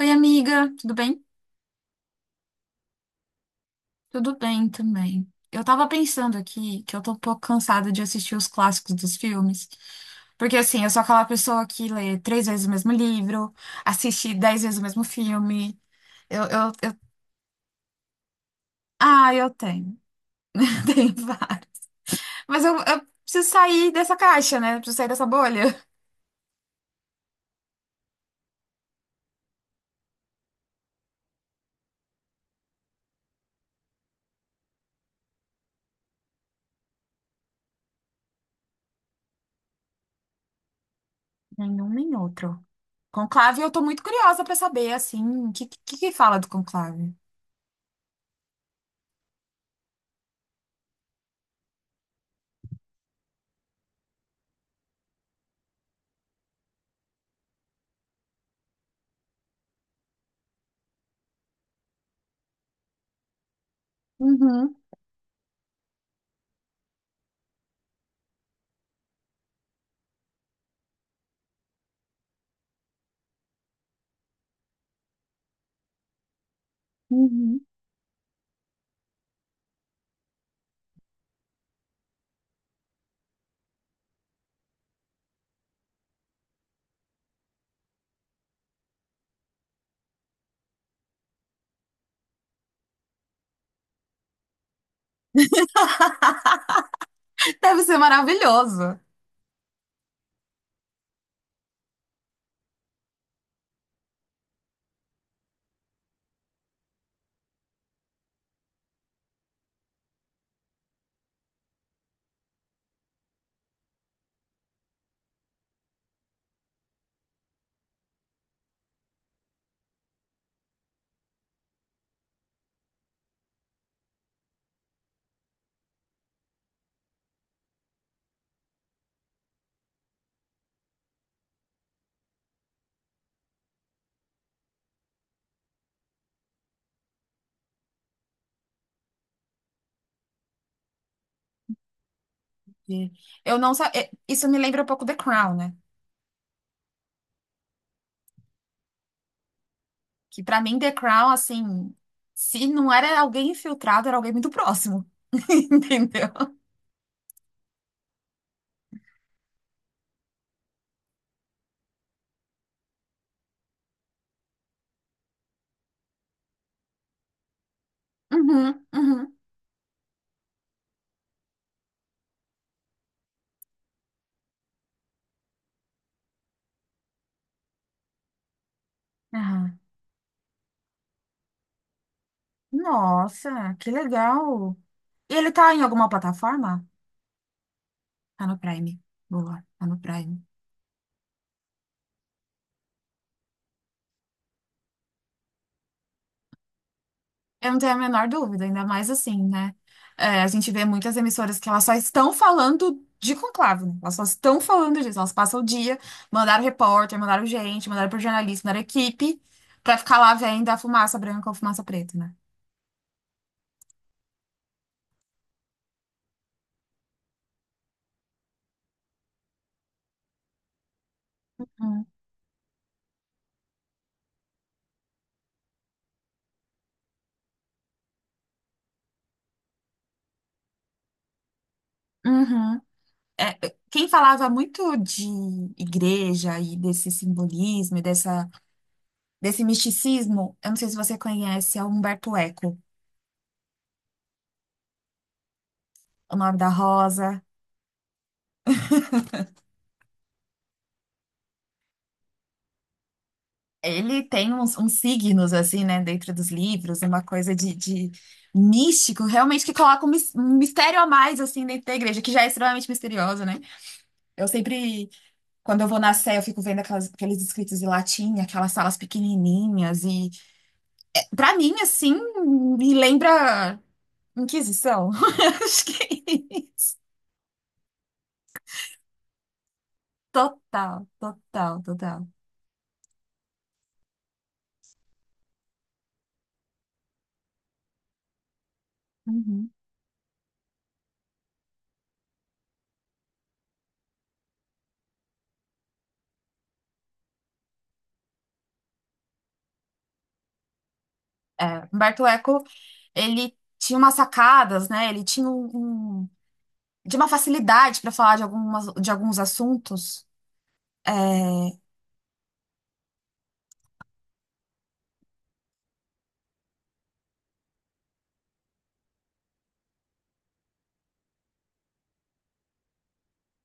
Oi, amiga, tudo bem? Tudo bem também. Eu tava pensando aqui que eu tô um pouco cansada de assistir os clássicos dos filmes. Porque, assim, eu sou aquela pessoa que lê 3 vezes o mesmo livro, assiste 10 vezes o mesmo filme. Eu... Ah, eu tenho. Tenho vários. Mas eu preciso sair dessa caixa, né? Eu preciso sair dessa bolha. Nenhum nem outro. Conclave, eu tô muito curiosa pra saber, assim, o que fala do Conclave? Uhum, uhum. Deve ser maravilhoso. E Eu não sa- é, Isso me lembra um pouco The Crown, né? Que pra mim The Crown, assim, se não era alguém infiltrado, era alguém muito próximo. Entendeu? Uhum, uhum. Aham. Nossa, que legal. E ele tá em alguma plataforma? Tá no Prime. Boa, tá no Prime. Eu não tenho a menor dúvida, ainda mais assim, né? É, a gente vê muitas emissoras que elas só estão falando de conclave, né? Elas só estão falando disso. Elas passam o dia, mandaram repórter, mandaram gente, mandaram pro jornalista, mandaram equipe, pra ficar lá vendo a fumaça branca ou fumaça preta, né? Hum. Uhum. É, quem falava muito de igreja e desse simbolismo e dessa, desse misticismo, eu não sei se você conhece, é o Humberto Eco, O Nome da Rosa. Ele tem uns, uns signos, assim, né, dentro dos livros, uma coisa de místico, realmente que coloca um um mistério a mais, assim, dentro da igreja, que já é extremamente misteriosa, né? Eu sempre, quando eu vou na Sé, eu fico vendo aqueles escritos em latim, aquelas salas pequenininhas, e pra mim, assim, me lembra Inquisição. Acho que total, total, total. Uhum. É, Humberto Eco, ele tinha umas sacadas, né? Ele tinha um, de uma facilidade para falar de algumas, de alguns assuntos? É,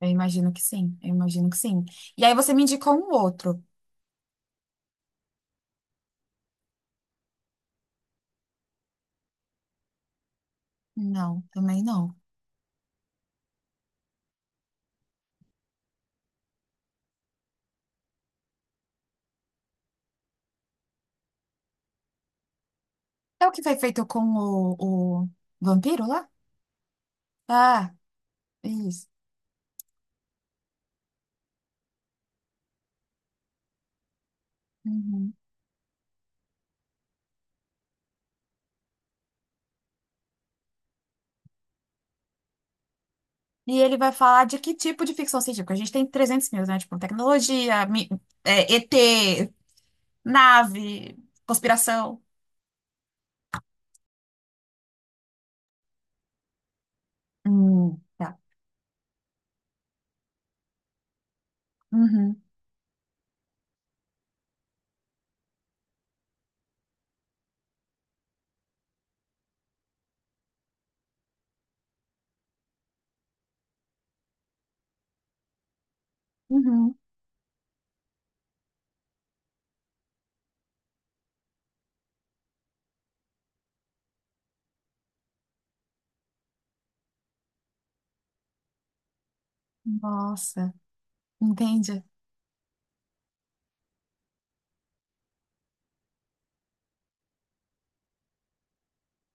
eu imagino que sim, eu imagino que sim. E aí você me indicou um outro. Não, também não. É o que foi feito com o vampiro lá? Ah, isso. Uhum. E ele vai falar de que tipo de ficção científica? A gente tem 300 mil, né? Tipo, ET, nave, conspiração. Tá. Uhum, uhum. Nossa, entende?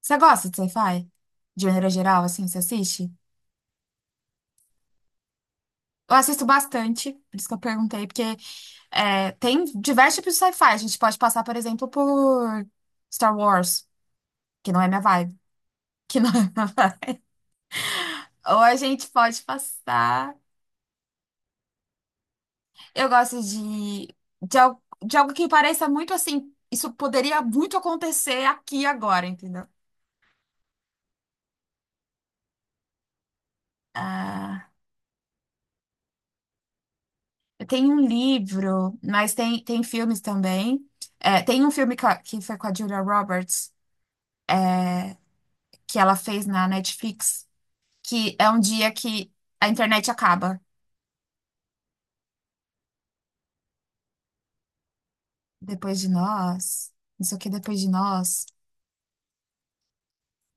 Você gosta de sci-fi? De maneira geral, assim, você assiste? Eu assisto bastante, por isso que eu perguntei, porque tem diversos tipos de sci-fi. A gente pode passar, por exemplo, por Star Wars, que não é minha vibe. Que não é minha vibe. Ou a gente pode passar. Eu gosto de algo que pareça muito assim. Isso poderia muito acontecer aqui e agora, entendeu? Ah, eu tenho um livro, mas tem filmes também. É, tem um filme que foi com a Julia Roberts. É, que ela fez na Netflix, que é um dia que a internet acaba. Depois de nós, não sei o que depois de nós.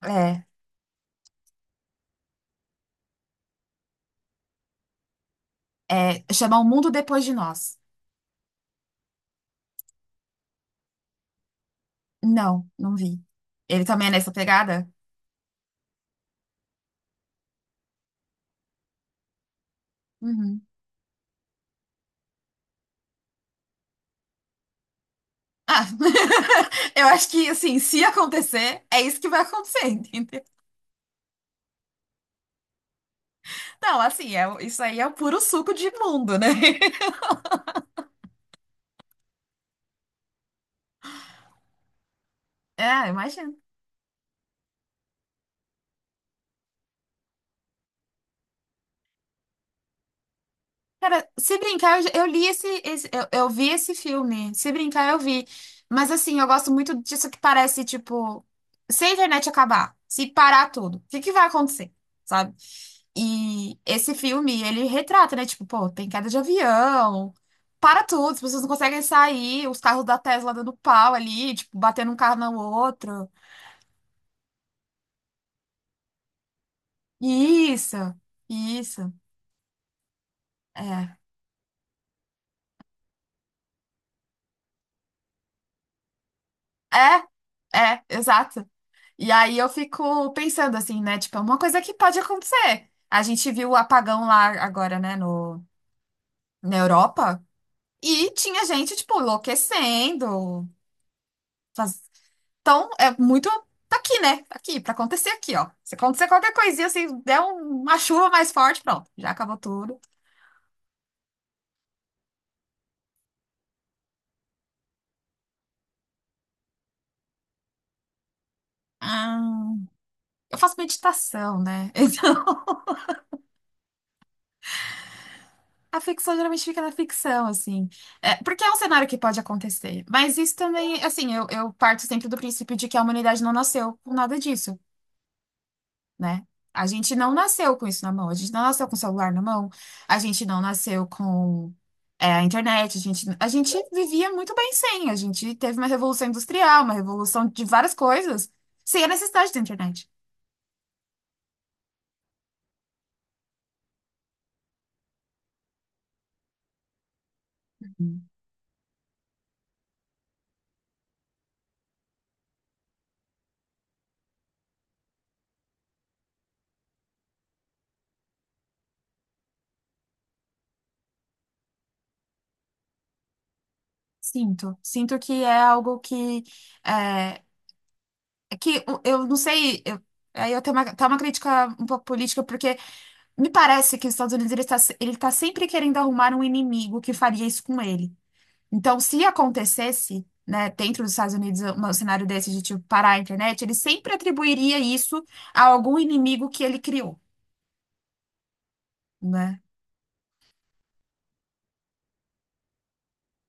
É, chama O Mundo Depois de Nós. Não, não vi. Ele também é nessa pegada? Uhum. Ah, eu acho que, assim, se acontecer, é isso que vai acontecer, entendeu? Não, assim, é, isso aí é o puro suco de mundo, né? É, imagina. Cara, se brincar, eu, já- eu li esse, esse- eu vi esse filme. Se brincar, eu vi. Mas assim, eu gosto muito disso que parece, tipo, se a internet acabar, se parar tudo, o que que vai acontecer? Sabe? E esse filme, ele retrata, né? Tipo, pô, tem queda de avião, para tudo, as pessoas não conseguem sair, os carros da Tesla dando pau ali, tipo, batendo um carro no outro. Isso, isso. É. É, é, exato. E aí eu fico pensando assim, né? Tipo, é uma coisa que pode acontecer. A gente viu o apagão lá agora, né, no, na Europa, e tinha gente, tipo, enlouquecendo. Faz- Então, é muito. Tá aqui, né? Tá aqui, pra acontecer aqui, ó. Se acontecer qualquer coisinha, assim, uma chuva mais forte, pronto, já acabou tudo. Ah, eu faço meditação, né? Então. A ficção geralmente fica na ficção, assim. É, porque é um cenário que pode acontecer. Mas isso também, assim, eu parto sempre do princípio de que a humanidade não nasceu com nada disso, né? A gente não nasceu com isso na mão, a gente não nasceu com o celular na mão, a gente não nasceu com, é, a internet, a gente vivia muito bem sem, a gente teve uma revolução industrial, uma revolução de várias coisas, sem a necessidade da internet. Sinto, sinto que é algo que é, é que o- eu não sei, eu- aí eu tenho uma, tá uma crítica um pouco política, porque me parece que os Estados Unidos ele tá, ele tá sempre querendo arrumar um inimigo que faria isso com ele. Então, se acontecesse, né, dentro dos Estados Unidos, um cenário desse de tipo parar a internet, ele sempre atribuiria isso a algum inimigo que ele criou, né?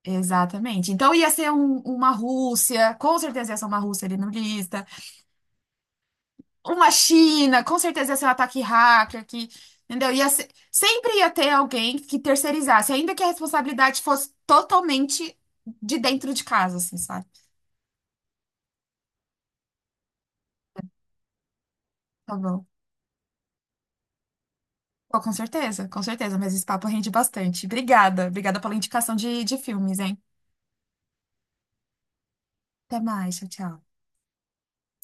Exatamente. Então ia ser uma Rússia, com certeza ia ser uma Rússia ali no uma China, com certeza ia ser um ataque hacker que, entendeu? Ia se- sempre ia ter alguém que terceirizasse, ainda que a responsabilidade fosse totalmente de dentro de casa, assim, sabe? Tá bom. Pô, com certeza, mas esse papo rende bastante. Obrigada, obrigada pela indicação de filmes, hein? Até mais, tchau, tchau.